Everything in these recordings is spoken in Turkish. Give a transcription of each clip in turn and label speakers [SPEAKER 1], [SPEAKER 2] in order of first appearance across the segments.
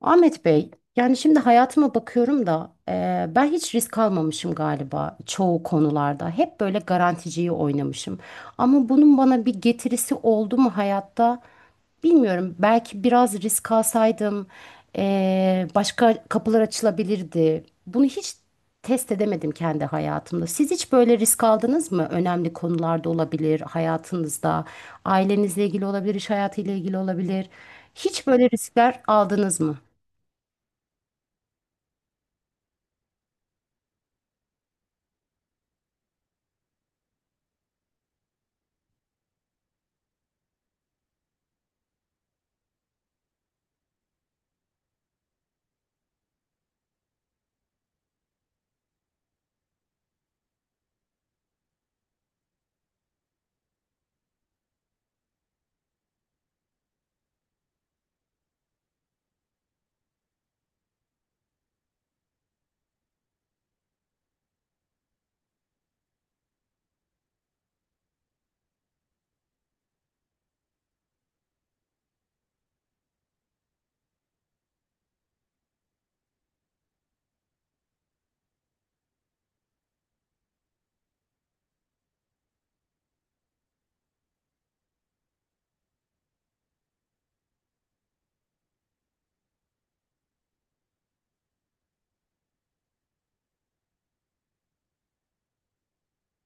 [SPEAKER 1] Ahmet Bey, yani şimdi hayatıma bakıyorum da ben hiç risk almamışım galiba çoğu konularda. Hep böyle garanticiyi oynamışım. Ama bunun bana bir getirisi oldu mu hayatta? Bilmiyorum. Belki biraz risk alsaydım başka kapılar açılabilirdi. Bunu hiç test edemedim kendi hayatımda. Siz hiç böyle risk aldınız mı? Önemli konularda olabilir, hayatınızda, ailenizle ilgili olabilir, iş hayatıyla ilgili olabilir. Hiç böyle riskler aldınız mı?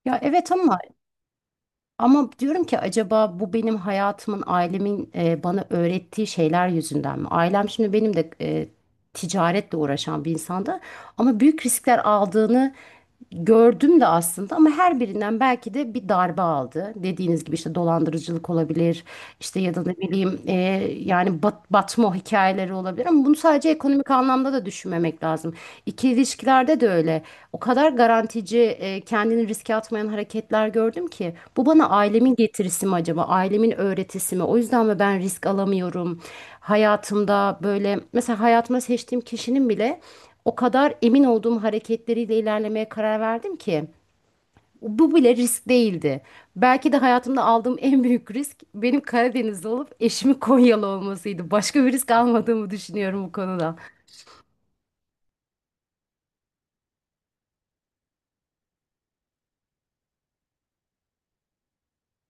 [SPEAKER 1] Ya, evet, ama diyorum ki acaba bu benim hayatımın ailemin bana öğrettiği şeyler yüzünden mi? Ailem şimdi benim de ticaretle uğraşan bir insandı ama büyük riskler aldığını gördüm de aslında ama her birinden belki de bir darbe aldı. Dediğiniz gibi işte dolandırıcılık olabilir işte ya da ne bileyim yani batma hikayeleri olabilir ama bunu sadece ekonomik anlamda da düşünmemek lazım. İkili ilişkilerde de öyle. O kadar garantici, kendini riske atmayan hareketler gördüm ki bu bana ailemin getirisi mi acaba? Ailemin öğretisi mi? O yüzden mi ben risk alamıyorum? Hayatımda böyle mesela hayatıma seçtiğim kişinin bile o kadar emin olduğum hareketleriyle ilerlemeye karar verdim ki bu bile risk değildi. Belki de hayatımda aldığım en büyük risk benim Karadenizli olup eşimin Konyalı olmasıydı. Başka bir risk almadığımı düşünüyorum bu konuda.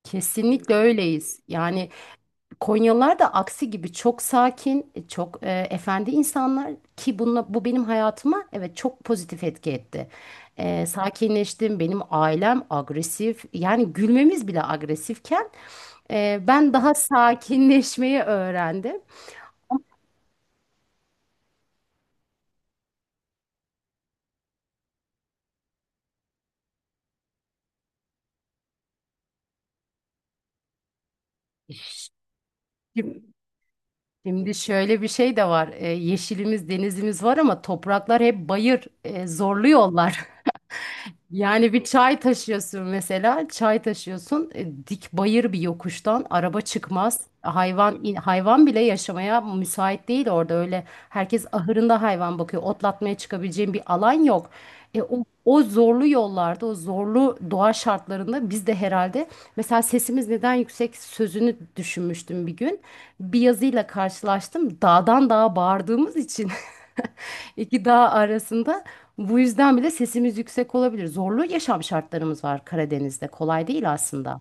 [SPEAKER 1] Kesinlikle öyleyiz. Yani Konyalılar da aksi gibi çok sakin, çok efendi insanlar ki bununla, bu benim hayatıma evet çok pozitif etki etti. Sakinleştim, benim ailem agresif yani gülmemiz bile agresifken ben daha sakinleşmeyi öğrendim. Şimdi şimdi şöyle bir şey de var. Yeşilimiz, denizimiz var ama topraklar hep bayır, zorlu yollar. Yani bir çay taşıyorsun mesela, çay taşıyorsun, dik bayır bir yokuştan araba çıkmaz. Hayvan bile yaşamaya müsait değil orada öyle. Herkes ahırında hayvan bakıyor. Otlatmaya çıkabileceğin bir alan yok. O zorlu yollarda, o zorlu doğa şartlarında biz de herhalde mesela sesimiz neden yüksek sözünü düşünmüştüm bir gün. Bir yazıyla karşılaştım. Dağdan dağa bağırdığımız için iki dağ arasında bu yüzden bile sesimiz yüksek olabilir. Zorlu yaşam şartlarımız var Karadeniz'de. Kolay değil aslında.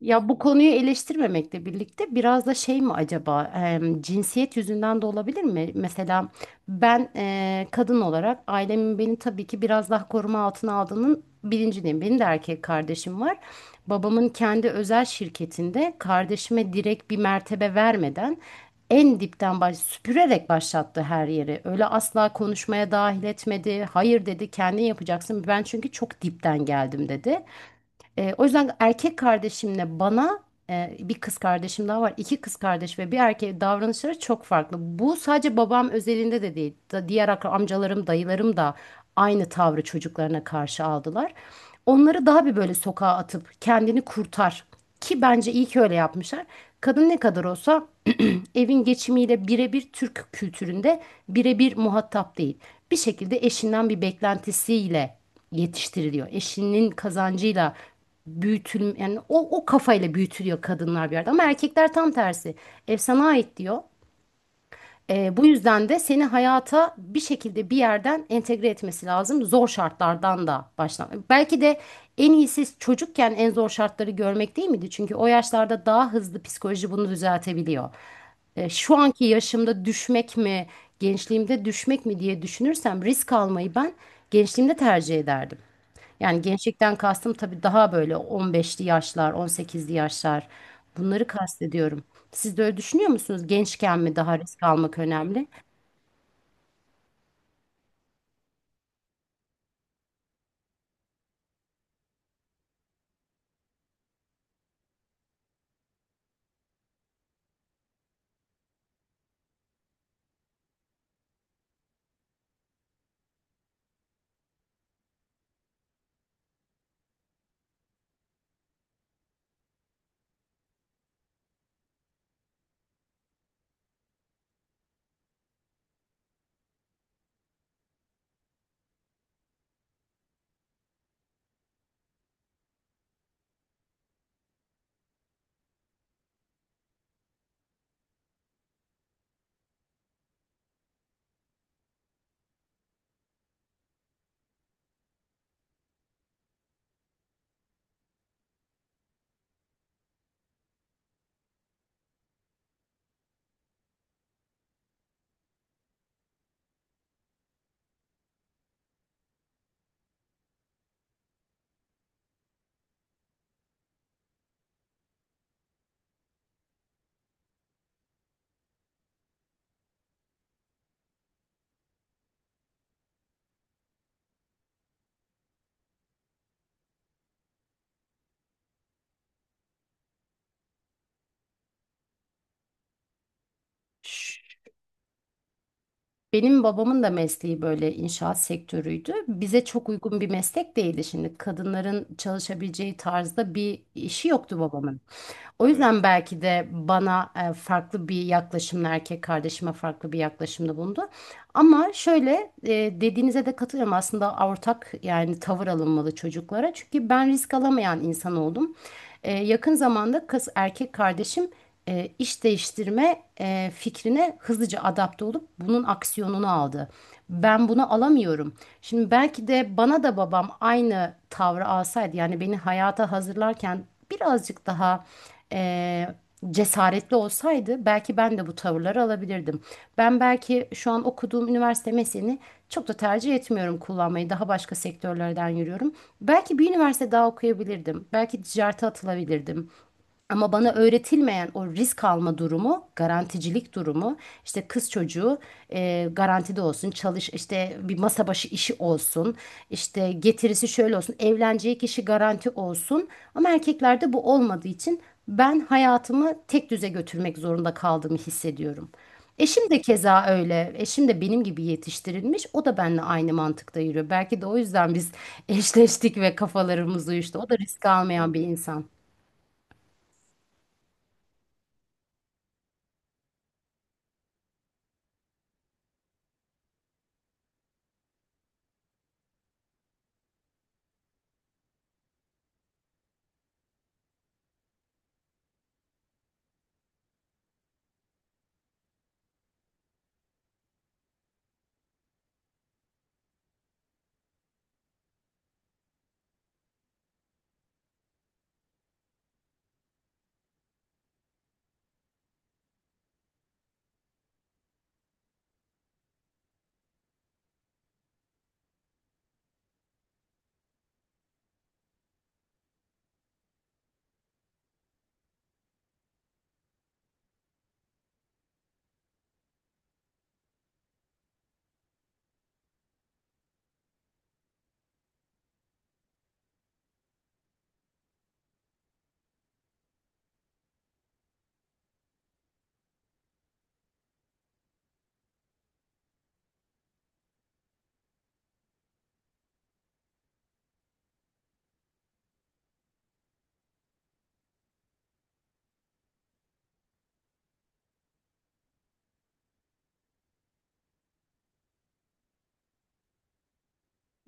[SPEAKER 1] Ya bu konuyu eleştirmemekle birlikte biraz da şey mi acaba cinsiyet yüzünden de olabilir mi? Mesela ben kadın olarak ailemin beni tabii ki biraz daha koruma altına aldığının bilincindeyim. Benim de erkek kardeşim var. Babamın kendi özel şirketinde kardeşime direkt bir mertebe vermeden en dipten süpürerek başlattı her yeri. Öyle asla konuşmaya dahil etmedi. Hayır dedi kendin yapacaksın. Ben çünkü çok dipten geldim dedi. O yüzden erkek kardeşimle bana bir kız kardeşim daha var. İki kız kardeş ve bir erkeğe davranışları çok farklı. Bu sadece babam özelinde de değil. Amcalarım, dayılarım da aynı tavrı çocuklarına karşı aldılar. Onları daha bir böyle sokağa atıp kendini kurtar. Ki bence iyi ki öyle yapmışlar. Kadın ne kadar olsa evin geçimiyle birebir Türk kültüründe birebir muhatap değil. Bir şekilde eşinden bir beklentisiyle yetiştiriliyor. Eşinin kazancıyla büyütül yani o o kafayla büyütülüyor kadınlar bir yerde ama erkekler tam tersi. Ev sana ait diyor. Bu yüzden de seni hayata bir şekilde bir yerden entegre etmesi lazım. Zor şartlardan da başlan. Belki de en iyisi çocukken en zor şartları görmek değil miydi? Çünkü o yaşlarda daha hızlı psikoloji bunu düzeltebiliyor. Şu anki yaşımda düşmek mi, gençliğimde düşmek mi diye düşünürsem risk almayı ben gençliğimde tercih ederdim. Yani gençlikten kastım tabii daha böyle 15'li yaşlar, 18'li yaşlar. Bunları kastediyorum. Siz de öyle düşünüyor musunuz? Gençken mi daha risk almak önemli? Ş- Benim babamın da mesleği böyle inşaat sektörüydü. Bize çok uygun bir meslek değildi şimdi. Kadınların çalışabileceği tarzda bir işi yoktu babamın. O, evet, yüzden belki de bana farklı bir yaklaşımla erkek kardeşime farklı bir yaklaşımda bulundu. Ama şöyle dediğinize de katılıyorum aslında ortak yani tavır alınmalı çocuklara. Çünkü ben risk alamayan insan oldum. Yakın zamanda kız erkek kardeşim iş değiştirme fikrine hızlıca adapte olup bunun aksiyonunu aldı. Ben bunu alamıyorum. Şimdi belki de bana da babam aynı tavrı alsaydı yani beni hayata hazırlarken birazcık daha e, cesaretli olsaydı belki ben de bu tavırları alabilirdim. Ben belki şu an okuduğum üniversite mesleğini çok da tercih etmiyorum kullanmayı. Daha başka sektörlerden yürüyorum. Belki bir üniversite daha okuyabilirdim. Belki ticarete atılabilirdim. Ama bana öğretilmeyen o risk alma durumu, garanticilik durumu, işte kız çocuğu garantide olsun, çalış işte bir masa başı işi olsun, işte getirisi şöyle olsun, evleneceği kişi garanti olsun. Ama erkeklerde bu olmadığı için ben hayatımı tek düze götürmek zorunda kaldığımı hissediyorum. Eşim de keza öyle. Eşim de benim gibi yetiştirilmiş. O da benimle aynı mantıkta yürüyor. Belki de o yüzden biz eşleştik ve kafalarımız uyuştu. O da risk almayan bir insan.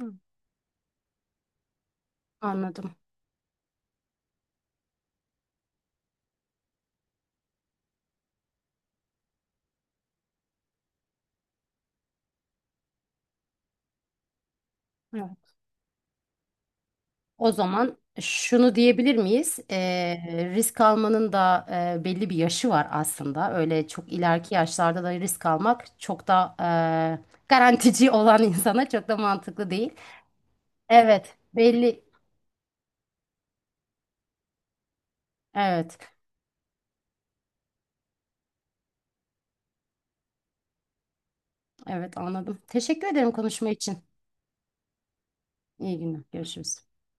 [SPEAKER 1] Hı. Anladım. O zaman şunu diyebilir miyiz? Risk almanın da belli bir yaşı var aslında. Öyle çok ileriki yaşlarda da risk almak çok da garantici olan insana çok da mantıklı değil. Evet, belli. Evet. Evet, anladım. Teşekkür ederim konuşma için. İyi günler. Görüşürüz.